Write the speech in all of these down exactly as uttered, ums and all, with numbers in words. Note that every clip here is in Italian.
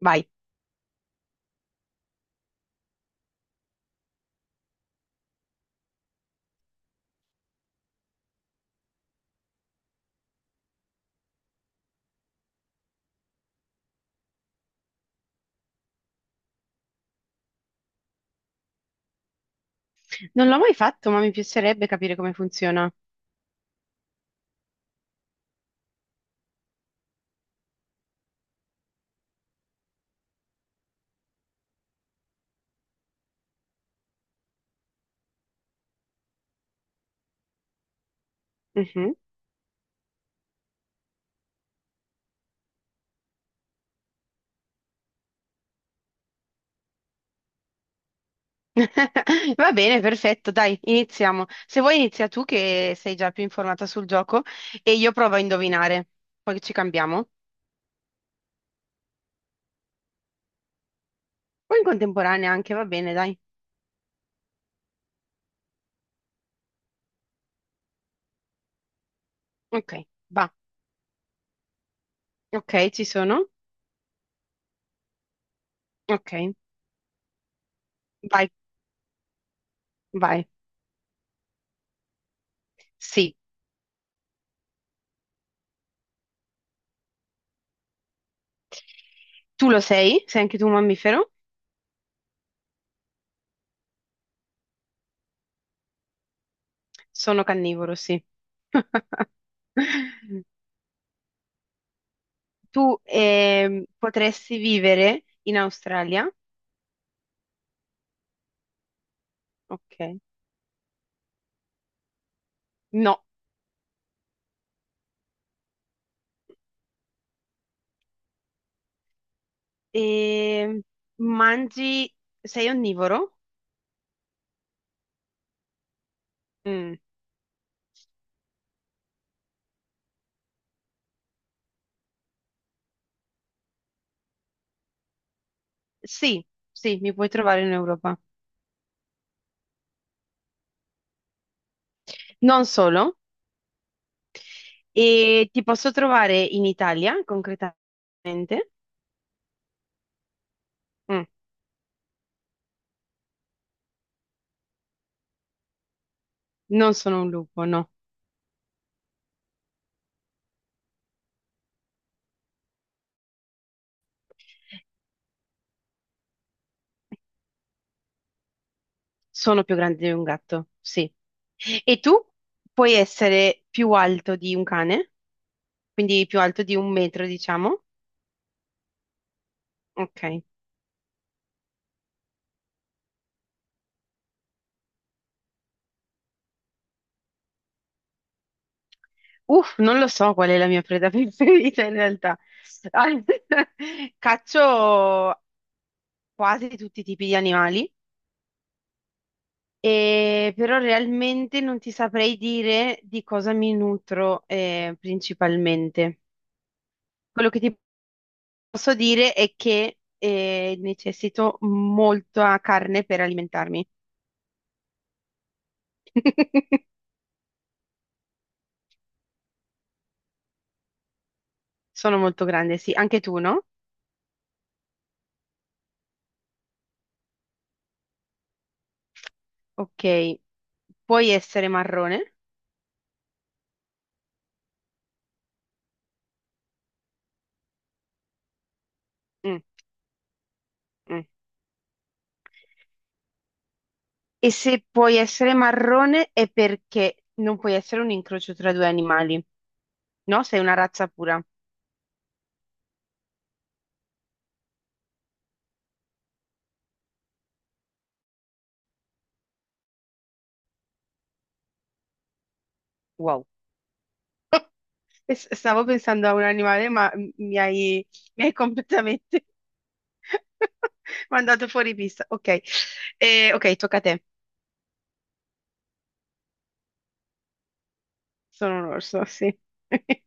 Vai. Non l'ho mai fatto, ma mi piacerebbe capire come funziona. Mhm. Va bene, perfetto, dai, iniziamo. Se vuoi inizia tu che sei già più informata sul gioco e io provo a indovinare. Poi ci cambiamo. O in contemporanea anche, va bene, dai. Ok, va. Ok, ci sono. Ok, vai, vai. Sì. Tu lo sei? Sei anche tu un mammifero? Sono carnivoro, sì. Tu ehm, potresti vivere in Australia? Ok. No. E mangi... Sei onnivoro? Mm. Sì, sì, mi puoi trovare in Europa. Non solo. E ti posso trovare in Italia, concretamente. Mm. Non sono un lupo, no. Sono più grande di un gatto, sì. E tu puoi essere più alto di un cane, quindi più alto di un metro, diciamo. Ok. Uff, non lo so qual è la mia preda preferita in realtà. Al- Caccio quasi tutti i tipi di animali, e però realmente non ti saprei dire di cosa mi nutro eh, principalmente. Quello che ti posso dire è che eh, necessito molta carne per alimentarmi. Sono molto grande, sì. Anche tu, no? Ok. Puoi essere marrone? Mm, mm. E se puoi essere marrone è perché non puoi essere un incrocio tra due animali, no? Sei una razza pura. Wow. E s- stavo pensando a un animale, ma m- mi hai, mi hai completamente mandato fuori pista. Ok, Eh, ok, tocca a te. Sono un orso, sì.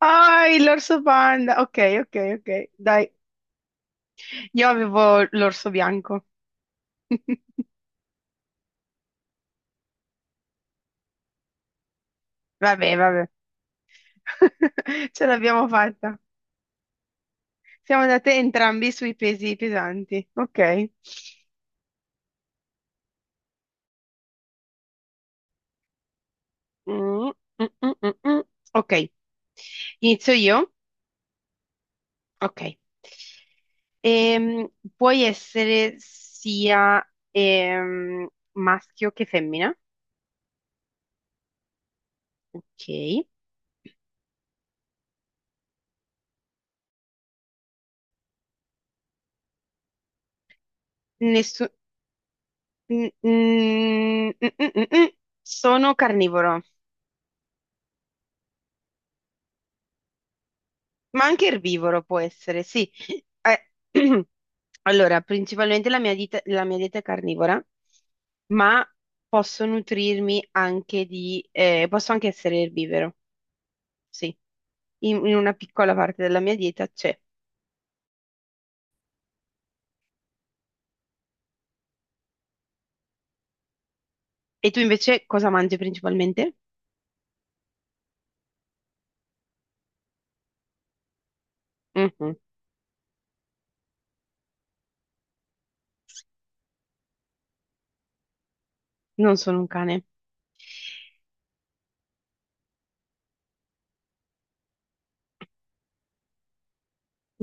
Ah, l'orso panda. Ok, ok, ok. Dai, io avevo l'orso bianco. Vabbè, vabbè. Ce l'abbiamo fatta. Siamo andate entrambi sui pesi pesanti. Ok. Mm, mm, mm, mm, mm. Ok. Inizio io? Ok. Ehm, puoi essere sia ehm, maschio che femmina. Ok. Nessu- mm, mm, mm, mm, mm, mm. Sono carnivoro. Ma anche erbivoro può essere, sì. Eh, Allora, principalmente la mia dieta, la mia dieta è carnivora, ma posso nutrirmi anche di... eh, posso anche essere erbivoro, sì. In, in una piccola parte della mia dieta c'è. E tu invece cosa mangi principalmente? Mhm. Non sono un cane,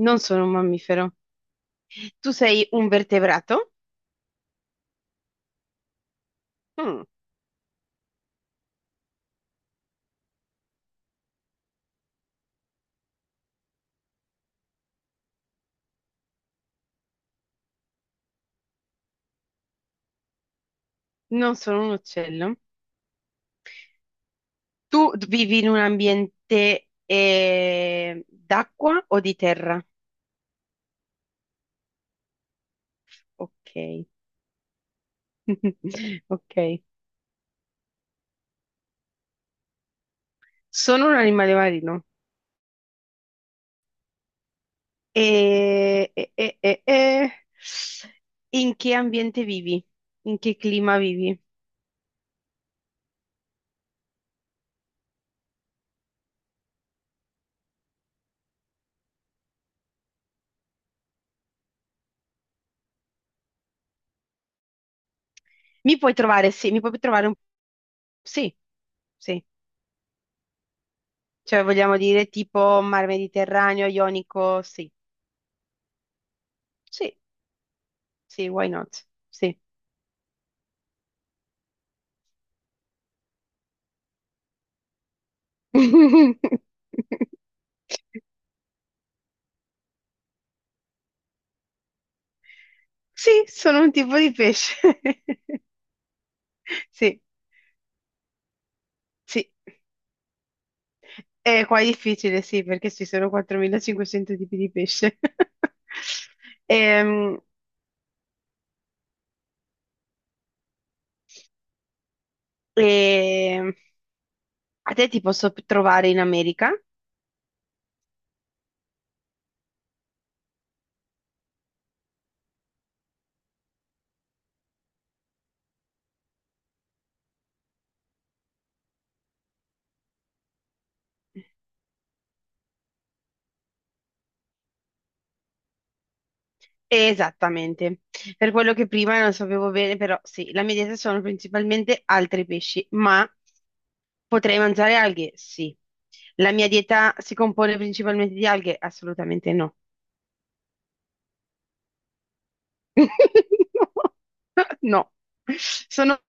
non sono un mammifero. Tu sei un vertebrato? Mm. Non sono un uccello. Tu d- vivi in un ambiente eh, d'acqua o di terra? Ok, ok. Sono un animale marino. E, e- e- e- e- In che ambiente vivi? In che clima vivi? Mi puoi trovare, sì, mi puoi trovare un... Sì, sì. Cioè, vogliamo dire tipo mar Mediterraneo, Ionico, sì. Sì, sì, why not? Sì. Sì, sono un tipo di pesce. Sì, sì. E qua è difficile, sì, perché ci sono quattromilacinquecento tipi di pesce. Ehm, e a te ti posso trovare in America? Esattamente. Per quello che prima non sapevo bene, però sì, la mia dieta sono principalmente altri pesci, ma potrei mangiare alghe? Sì. La mia dieta si compone principalmente di alghe? Assolutamente no. No, sono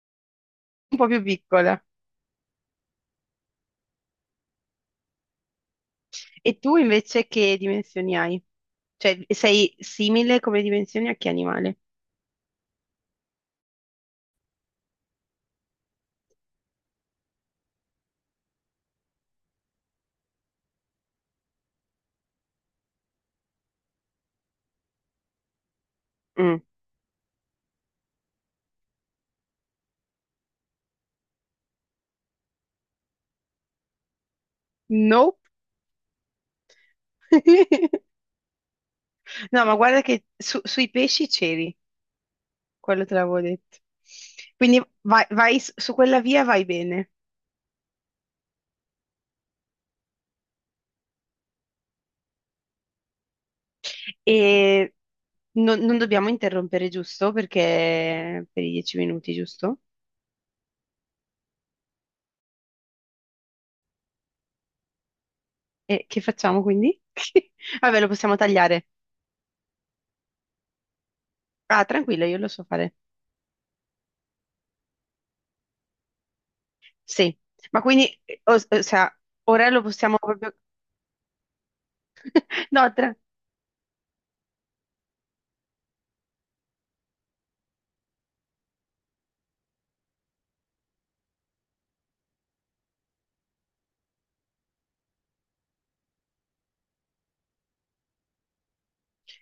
un po' più piccole. E tu invece che dimensioni hai? Cioè, sei simile come dimensioni a che animale? Mm. Nope. No, ma guarda che su- sui pesci c'eri, quello te l'avevo detto. Quindi vai, vai su su quella via, vai bene. E non, non dobbiamo interrompere, giusto? Perché per i dieci minuti, giusto? E che facciamo quindi? Vabbè, lo possiamo tagliare. Ah, tranquillo, io lo so fare. Sì, ma quindi, eh, o, o sea, ora lo possiamo proprio... No, tra-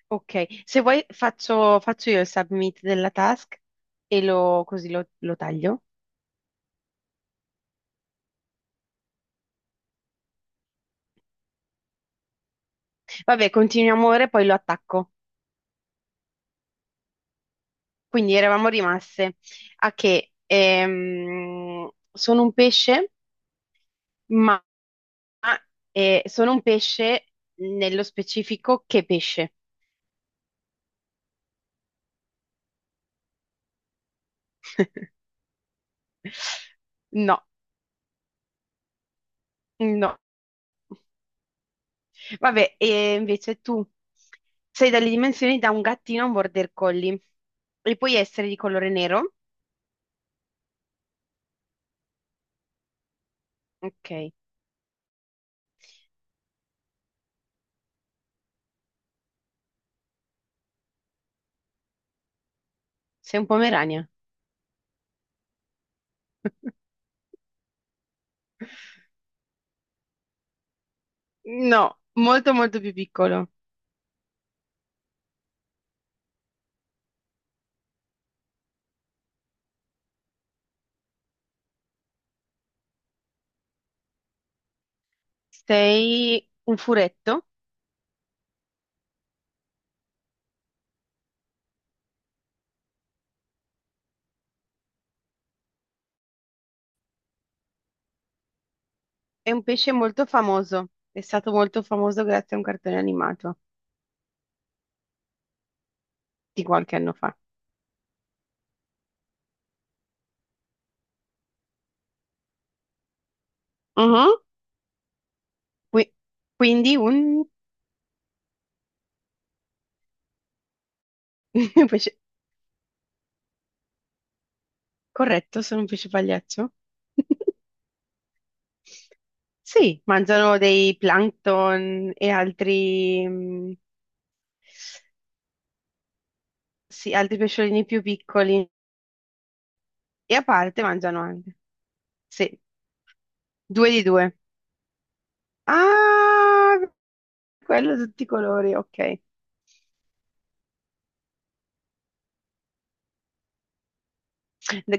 ok, se vuoi faccio, faccio io il submit della task e lo, così lo, lo taglio. Vabbè, continuiamo ora e poi lo attacco. Quindi eravamo rimaste a che ehm, sono un pesce, ma eh, sono un pesce nello specifico che pesce. No, no. Vabbè, e invece tu sei dalle dimensioni da un gattino a un border collie e puoi essere di colore nero. Ok, sei un pomerania. No, molto molto più piccolo. Sei un furetto e un pesce molto famoso. È stato molto famoso grazie a un cartone animato di qualche anno fa. Mhm. Qui- quindi un un pesce... Corretto, sono un pesce pagliaccio. Sì, mangiano dei plankton e altri, mm, sì, altri pesciolini più piccoli e a parte mangiano anche. Sì, due di due. Ah, quello di tutti i colori, ok.